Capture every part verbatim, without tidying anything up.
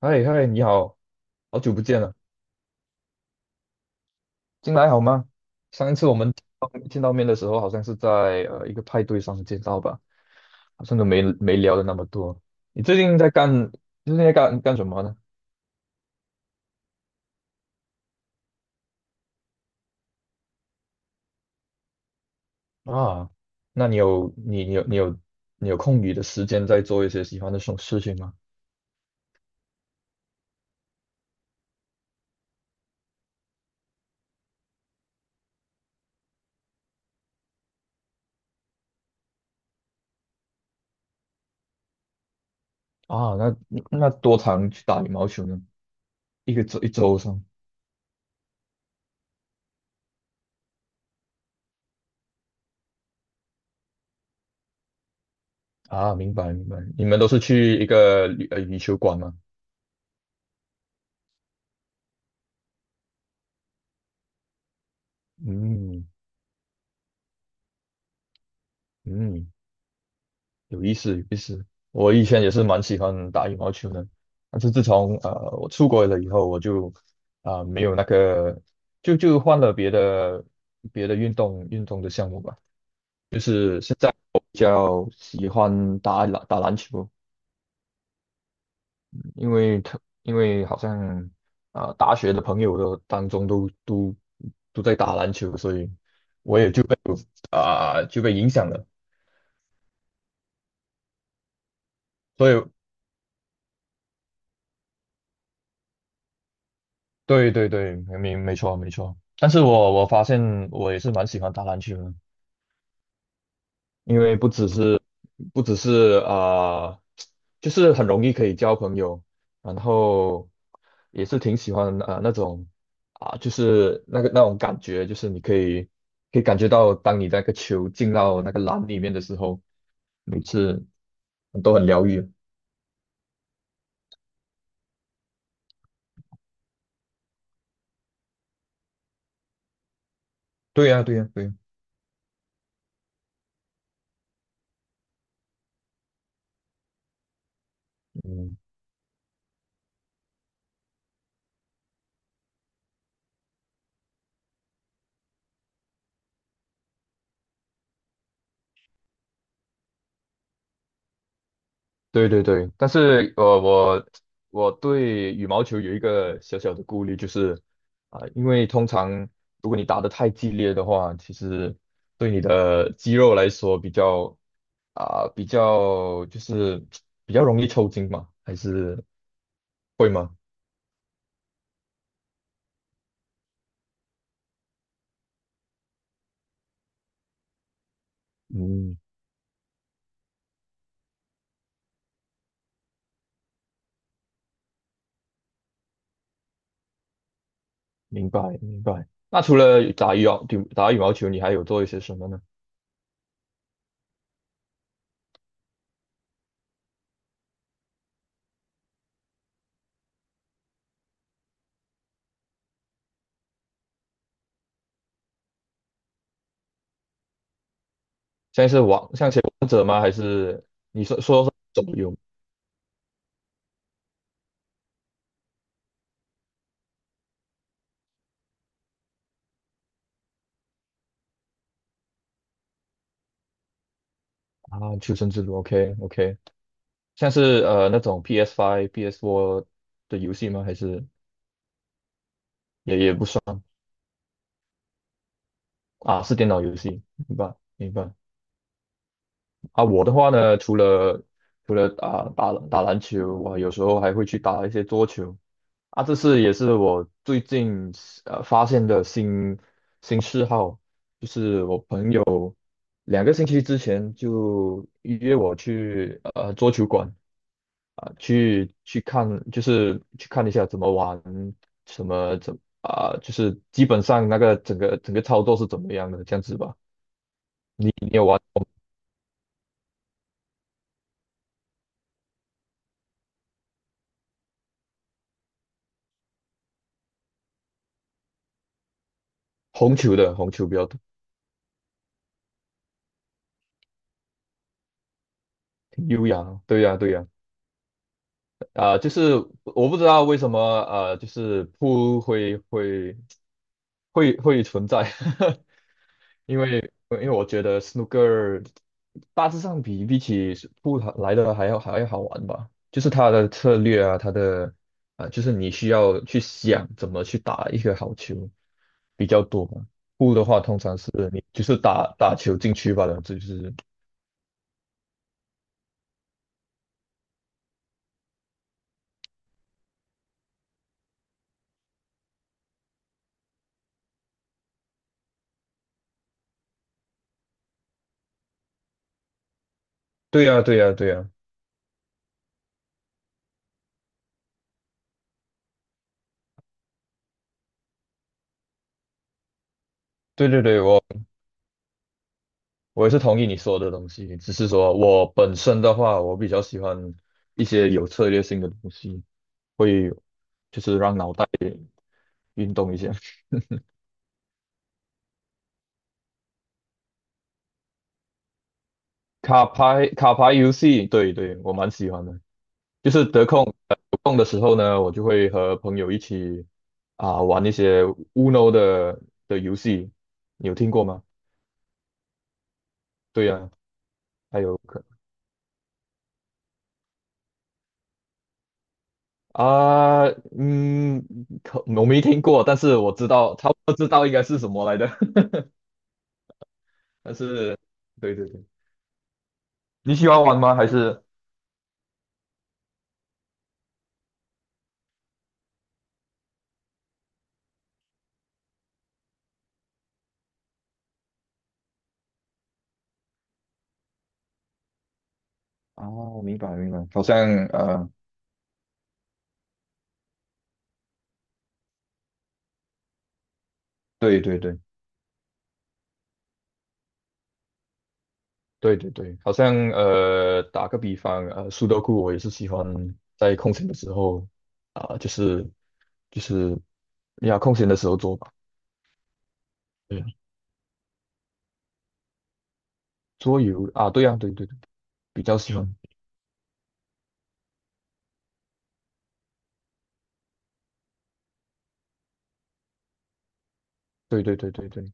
嗨嗨，你好，好久不见了，近来好吗？上一次我们见到面的时候，好像是在呃一个派对上见到吧，好像都没没聊的那么多。你最近在干，最近在干干什么呢？啊，那你有你你有你有你有空余的时间在做一些喜欢的事事情吗？啊，那那多长去打羽毛球呢？一个周一周上。啊，明白明白。你们都是去一个羽呃羽球馆吗？嗯嗯，有意思，有意思。我以前也是蛮喜欢打羽毛球的，但是自从呃我出国了以后，我就啊、呃没有那个，就就换了别的别的运动运动的项目吧，比较喜欢打篮打篮球，因为特因为好像啊、呃大学的朋友都当中都都都在打篮球，所以我也就被啊、就被影响了，所以对对对，没没错没错。但是我我发现我也是蛮喜欢打篮球的，因为不只是不只是啊、呃就是很容易可以交朋友，然后也是挺喜欢啊、呃那种啊、就是那个那种感觉，就是你可以可以感觉到，当你那个球进到那个篮里面的时候，每次都很疗愈。对呀、对呀、对呀、嗯，对对对，但是呃，我我对羽毛球有一个小小的顾虑，就是啊、因为通常如果你打得太激烈的话，其实对你的肌肉来说比较啊、比较就是比较容易抽筋嘛，还是会吗？嗯，明白明白。那除了打羽毛羽打羽毛球，你还有做一些什么呢？像是王像是王者吗？还是你说说是手游啊？求生之路，OK OK。像是呃那种 PS y P S four 的游戏吗？还是也也不算啊？是电脑游戏，明白明白。啊，我的话呢，除了除了啊打打篮球，我有时候还会去打一些桌球。啊，这是也是我最近呃发现的新新嗜好。两个星期之前就约我去呃桌球馆啊、去去看，就是去看一下怎么玩，什么怎啊、就是基本上那个整个整个操作是怎么样的这样子吧。你你有玩？红球的，红球比较多，挺优雅的。对呀、对呀、啊、就是我不知道为什么呃，就是不会会会会存在，因为因为我觉得 snooker 大致上比比起扑克来的还要还要好玩吧，就是它的策略啊，它的啊，就是你需要去想怎么去打一个好球比较多嘛。扑的话，通常是你就是打打球进去罢了，这就是对呀、对呀、对呀、对对对，我我也是同意你说的东西，只是说我本身的话，我比较喜欢一些有策略性的东西，会就是让脑袋运动一下。卡牌卡牌游戏，对对，我蛮喜欢的。就是得空呃有空的时候呢，我就会和朋友一起啊、玩一些 Uno 的的游戏，你有听过吗？对呀、还有可啊、嗯，可我没听过，但是我知道，差不多知道应该是什么来的。但是，对对对，你喜欢玩吗？还是啊，我明白明白，好像呃，对对对，对对对，好像呃，打个比方，呃，苏德库我也是喜欢在空闲的时候啊、就是就是呀，空闲的时候做吧。对啊，桌游啊，对呀、对对对，比较喜欢。对对对对对，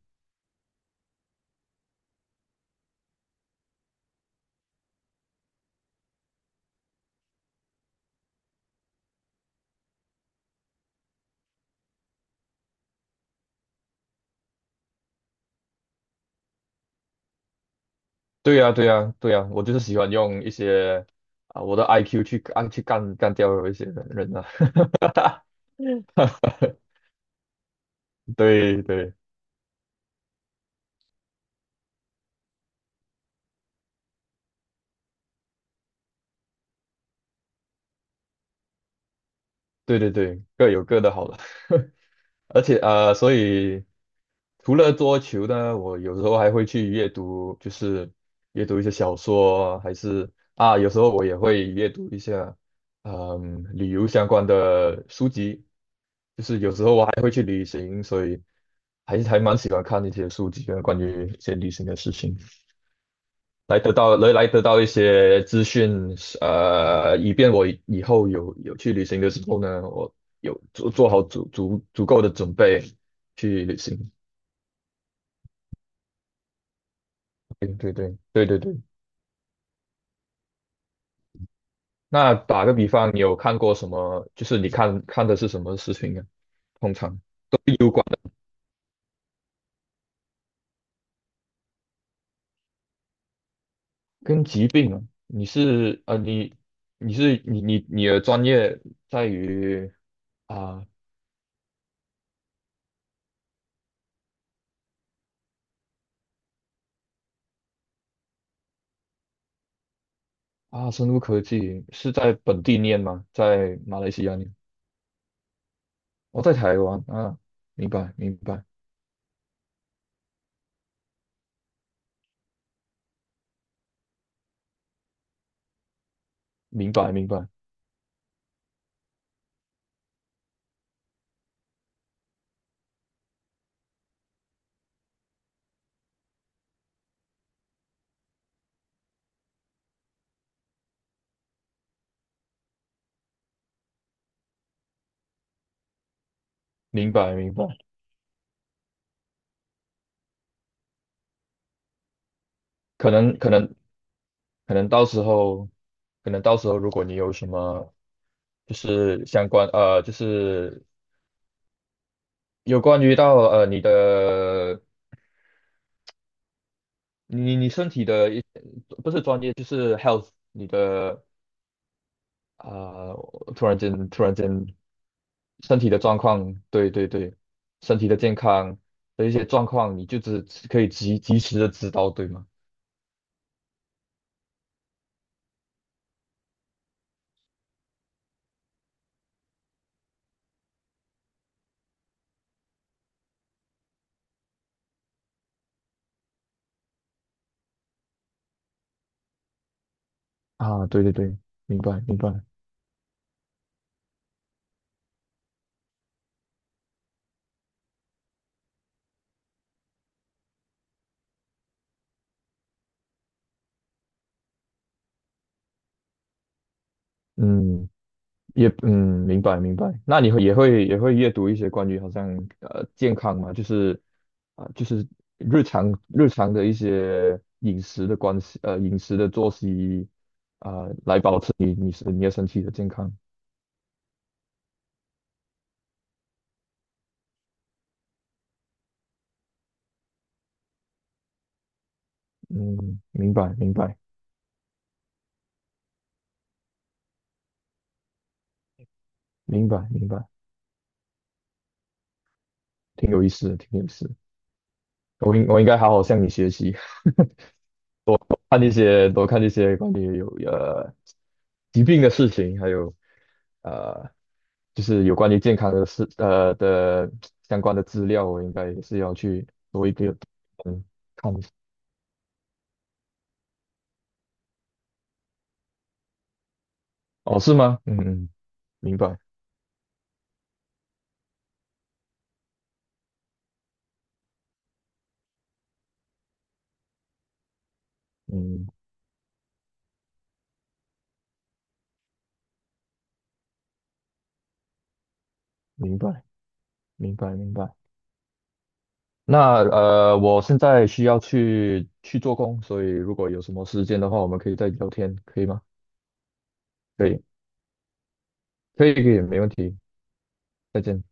对呀、对呀、对呀、我就是喜欢用一些啊、我的 I Q 去啊去干干掉有一些人人啊。对对对对对对，各有各的好了。而且呃，所以除了桌球呢，我有时候还会去阅读，就是阅读一些小说，还是啊，有时候我也会阅读一下，嗯，旅游相关的书籍。就是有时候我还会去旅行，所以还是还蛮喜欢看一些书籍啊，关于一些旅行的事情。来得到来来得到一些资讯，呃，以便我以后有有去旅行的时候呢，我有做做好足足足够的准备去旅行。对对对对对对。那打个比方，你有看过什么？就是你看看的是什么事情啊？通常都是有关的，跟疾病啊。你是呃你你是你你你的专业在于啊啊生物科技，是在本地念吗？在马来西亚念？我在台湾啊，明白，明白，明白，明白，明白，明白。可能，可能，可能到时候，可能到时候，如果你有什么，就是相关，呃，就是有关于到呃你的，你你身体的一，不是专业，就是 health，你的啊、我突然间，突然间，身体的状况，对对对，身体的健康的一些状况，你就只可以及及时的知道，对吗？啊，对对对，明白明白，嗯，也嗯，明白明白。那你会也会也会阅读一些关于好像呃健康嘛，就是啊、就是日常日常的一些饮食的关系，呃，饮食的作息啊、来保持你你是你的身体的健康。嗯，明白明白明白明白，挺有意思的，挺有意思的我应我应该好好向你学习。看那些多看那些关于有呃疾病的事情，还有呃就是有关于健康的事呃的相关的资料，我应该也是要去多一个嗯看一下。哦，是吗？嗯嗯，明白，嗯，明白，明白，明白。那呃，我现在需要去去做工，所以如果有什么时间的话，我们可以再聊天，可以吗？可以，可以，可以，没问题。再见。